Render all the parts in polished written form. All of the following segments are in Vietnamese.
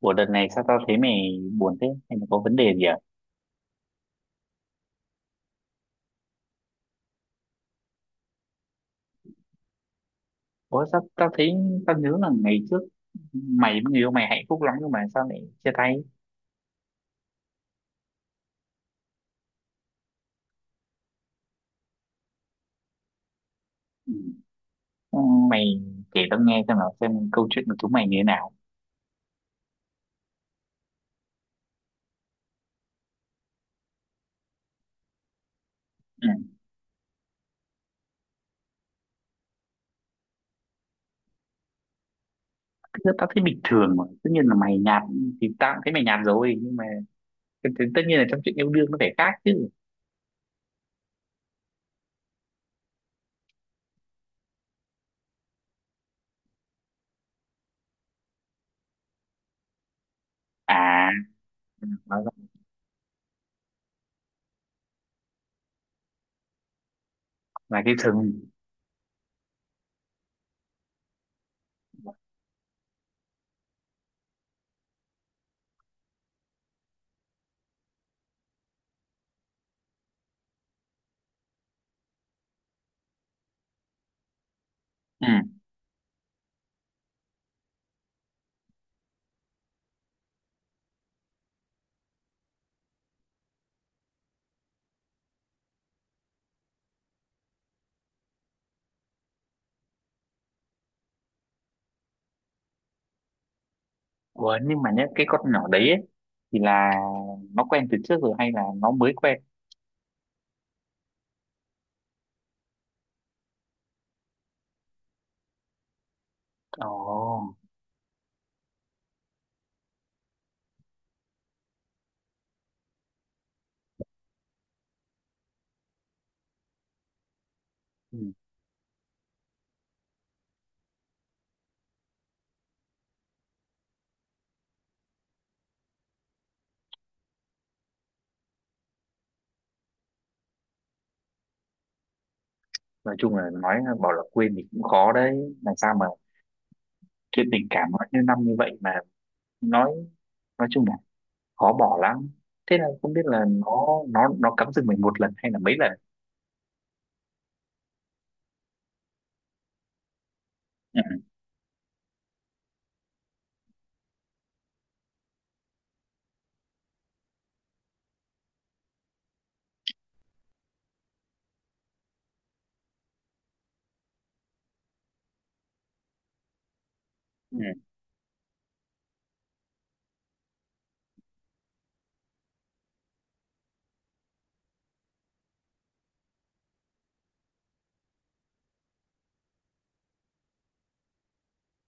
Ủa, đợt này sao tao thấy mày buồn thế? Hay là có vấn đề gì à? Ủa, sao tao thấy tao nhớ là ngày trước mày với người yêu mày hạnh phúc lắm nhưng mà sao lại chia tay? Ừ. Ừ, mày kể tao nghe xem nào, xem câu chuyện của chúng mày như thế nào. Ừ. Thực ra tao thấy bình thường mà. Tất nhiên là mày nhạt thì tao cũng thấy mày nhạt rồi, nhưng mà tất nhiên là trong chuyện yêu đương nó phải khác chứ. À, là, là cái thừng. Ừ. Ủa, nhưng mà nhá, cái con nhỏ đấy ấy, thì là nó quen từ trước rồi hay là nó mới quen? Ồ. Nói chung là bảo là quên thì cũng khó đấy, làm sao mà chuyện tình cảm nó như năm như vậy mà. Nói nói chung là khó bỏ lắm. Thế là không biết là nó cắm rừng mình một lần hay là mấy lần. Ừ. Ừ.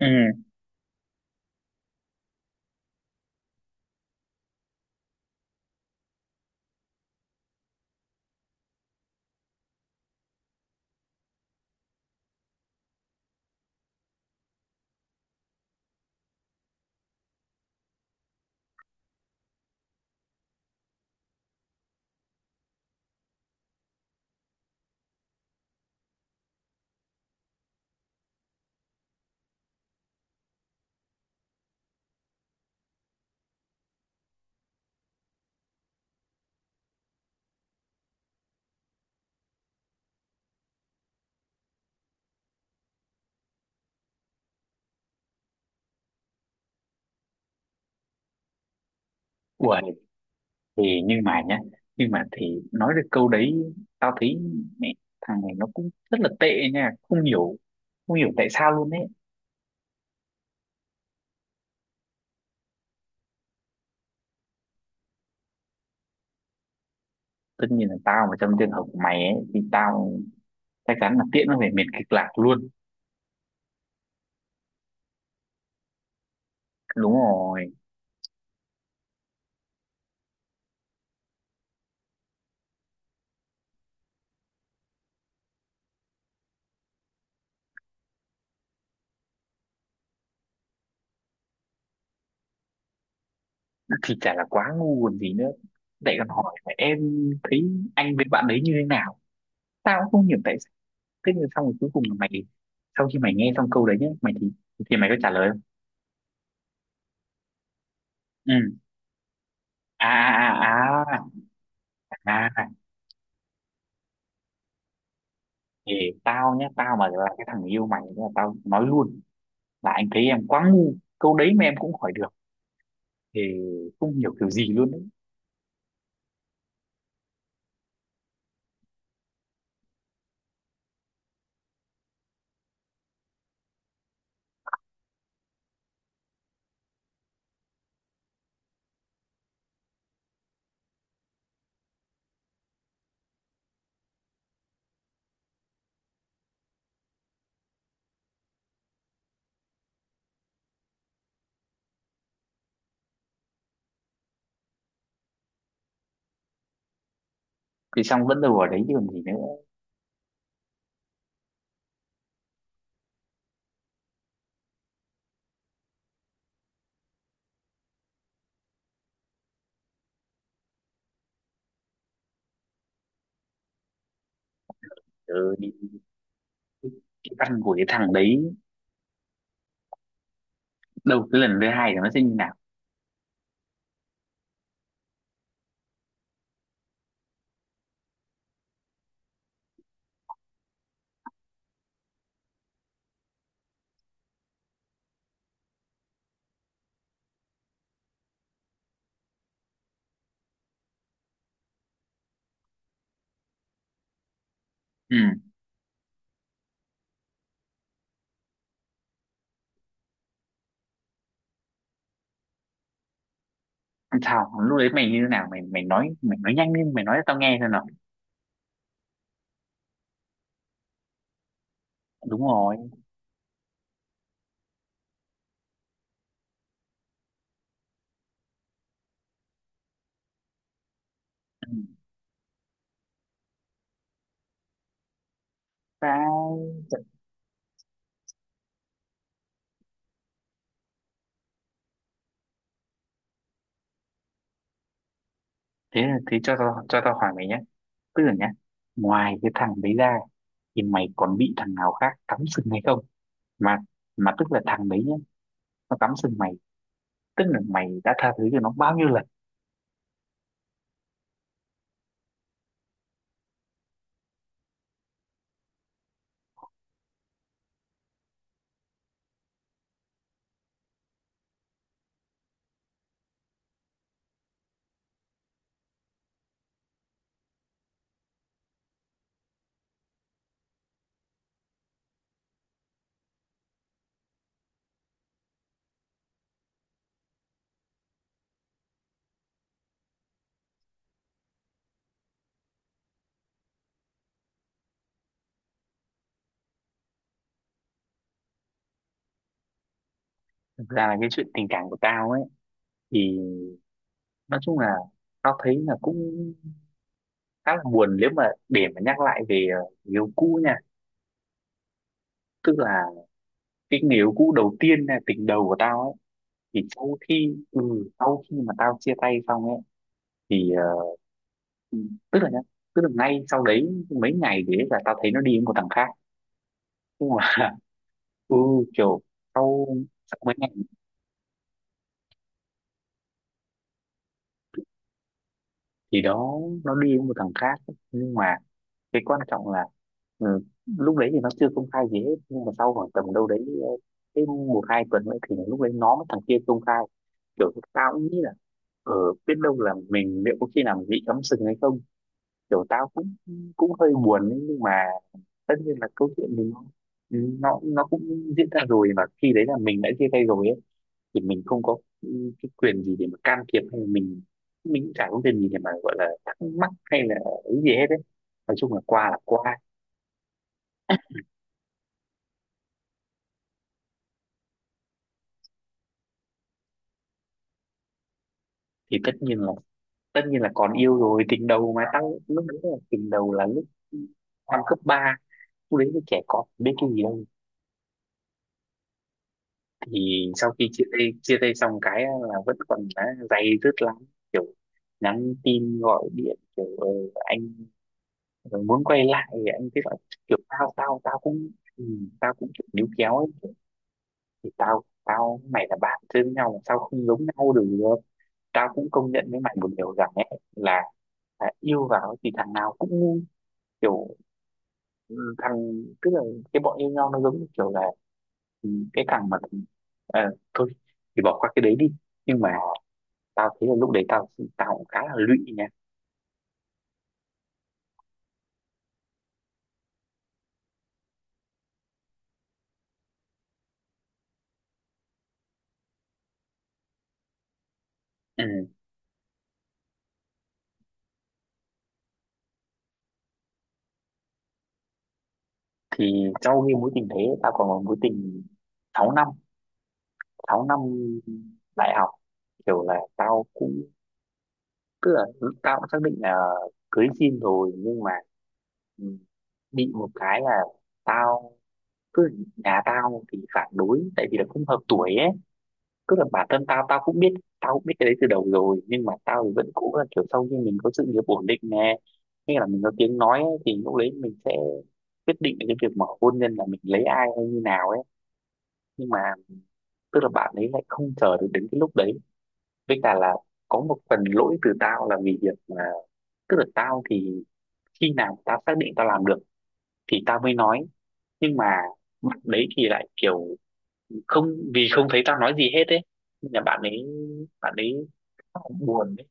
Ừ. Uầy, thì nhưng mà thì nói được câu đấy, tao thấy mẹ, thằng này nó cũng rất là tệ nha. Không hiểu, không hiểu tại sao luôn ấy. Tất nhiên là tao mà trong trường hợp của mày ấy thì tao chắc chắn là tiễn nó về miền kịch lạc luôn. Đúng rồi. Thì chả là quá ngu còn gì nữa, lại còn hỏi là em thấy anh với bạn đấy như thế nào. Tao cũng không hiểu tại sao. Thế nhưng xong rồi cuối cùng là mày, sau khi mày nghe xong câu đấy nhé, mày thì mày có trả lời không? Ừ. À, à, à, à, à, à. Thì tao nhé, tao mà là cái thằng yêu mày là tao nói luôn là anh thấy em quá ngu, câu đấy mà em cũng hỏi được thì không hiểu kiểu gì luôn đấy. Thì xong vẫn đâu ở đấy chứ còn gì nữa. Ừ, thì cái văn của cái thằng đấy, đâu, cái lần thứ hai thì nó sẽ như nào? Ừ. Sao lúc đấy mày như thế nào? Mày mày nói, mày nói nhanh lên, mày nói cho tao nghe xem nào. Đúng rồi. Ừ. Tao- Thế, cho tao hỏi mày nhé, tức là nhé, ngoài cái thằng đấy ra thì mày còn bị thằng nào khác cắm sừng hay không, mà mà tức là thằng đấy nhé, nó cắm sừng mày, tức là mày đã tha thứ cho nó bao nhiêu lần? Thực ra là cái chuyện tình cảm của tao ấy thì nói chung là tao thấy là cũng khá là buồn, nếu mà để mà nhắc lại về người yêu cũ nha. Tức là cái người yêu cũ đầu tiên là tình đầu của tao ấy, thì sau khi mà tao chia tay xong ấy thì ờ, tức là nhá, tức là ngay sau đấy mấy ngày thì ấy là tao thấy nó đi với một thằng khác nhưng mà ừ, kiểu sau sau mấy ngày thì đó nó đi với một thằng khác, nhưng mà cái quan trọng là ừ, lúc đấy thì nó chưa công khai gì hết, nhưng mà sau khoảng tầm đâu đấy ờ, cái một hai tuần nữa thì lúc đấy nó với thằng kia công khai. Kiểu tao cũng nghĩ là ở biết đâu là mình liệu có khi nào mình bị cắm sừng hay không. Kiểu tao cũng cũng hơi buồn ấy, nhưng mà tất nhiên là câu chuyện thì nó cũng diễn ra rồi, và khi đấy là mình đã chia tay rồi ấy thì mình không có cái quyền gì để mà can thiệp, hay là mình cũng chả có quyền gì để mà gọi là thắc mắc hay là cái gì hết đấy. Nói chung là qua là qua. Thì tất nhiên là còn yêu rồi, tình đầu mà, tao lúc đấy là tình đầu là lúc năm cấp ba, lúc đấy là trẻ con biết cái gì đâu. Thì sau khi chia tay xong cái là vẫn còn đã day dứt lắm, kiểu nhắn tin gọi điện kiểu anh muốn quay lại thì anh cứ bảo. Kiểu tao tao tao cũng ừ, tao cũng kiểu níu kéo ấy kiểu, thì tao tao mày là bạn chơi với nhau mà, sao không giống nhau được. Tao cũng công nhận với mày một điều rằng ấy, là, là yêu vào thì thằng nào cũng ngu, kiểu ừ, thằng, tức là cái bọn yêu nhau nó giống như kiểu là ừ, cái thằng mà ờ, thôi thì bỏ qua cái đấy đi. Nhưng mà tao thấy là lúc đấy tao tao cũng khá là lụy nha. Ừ. Thì sau khi mối tình đấy tao còn một mối tình 6 năm. 6 năm. Đại học. Kiểu là tao cũng tức là tao cũng xác định là cưới xin rồi, nhưng mà ừ, bị một cái là tao cứ nhà tao thì phản đối tại vì là không hợp tuổi ấy, tức là bản thân tao tao cũng biết, tao cũng biết cái đấy từ đầu rồi, nhưng mà tao thì vẫn cố gắng kiểu sau khi mình có sự nghiệp ổn định nè, hay là mình có tiếng nói ấy, thì lúc đấy mình sẽ quyết định cái việc mở hôn nhân là mình lấy ai hay như nào ấy. Nhưng mà tức là bạn ấy lại không chờ được đến cái lúc đấy, với cả là có một phần lỗi từ tao là vì việc là tức là tao thì khi nào tao xác định tao làm được thì tao mới nói, nhưng mà bạn đấy thì lại kiểu không, vì không thấy tao nói gì hết ấy. Nên là bạn ấy khá là buồn ấy.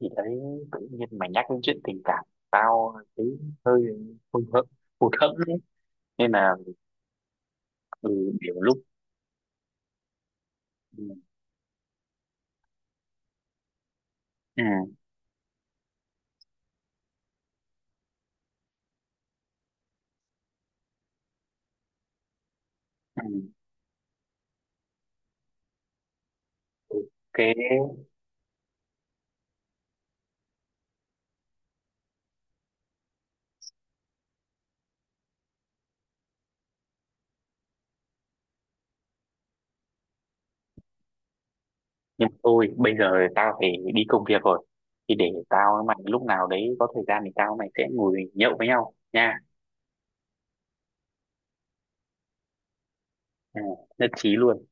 Thì đấy, tự nhiên mày nhắc đến chuyện tình cảm, tao thấy hơi hụt hẫng, hụt hẫng đấy. Nên là ừ, kiểu lúc, ừ, ừ, ừ, ok. Nhưng mà thôi, bây giờ tao phải đi công việc rồi, thì để tao với mày lúc nào đấy có thời gian thì tao với mày sẽ ngồi nhậu với nhau nha. Ừ, nhất trí luôn.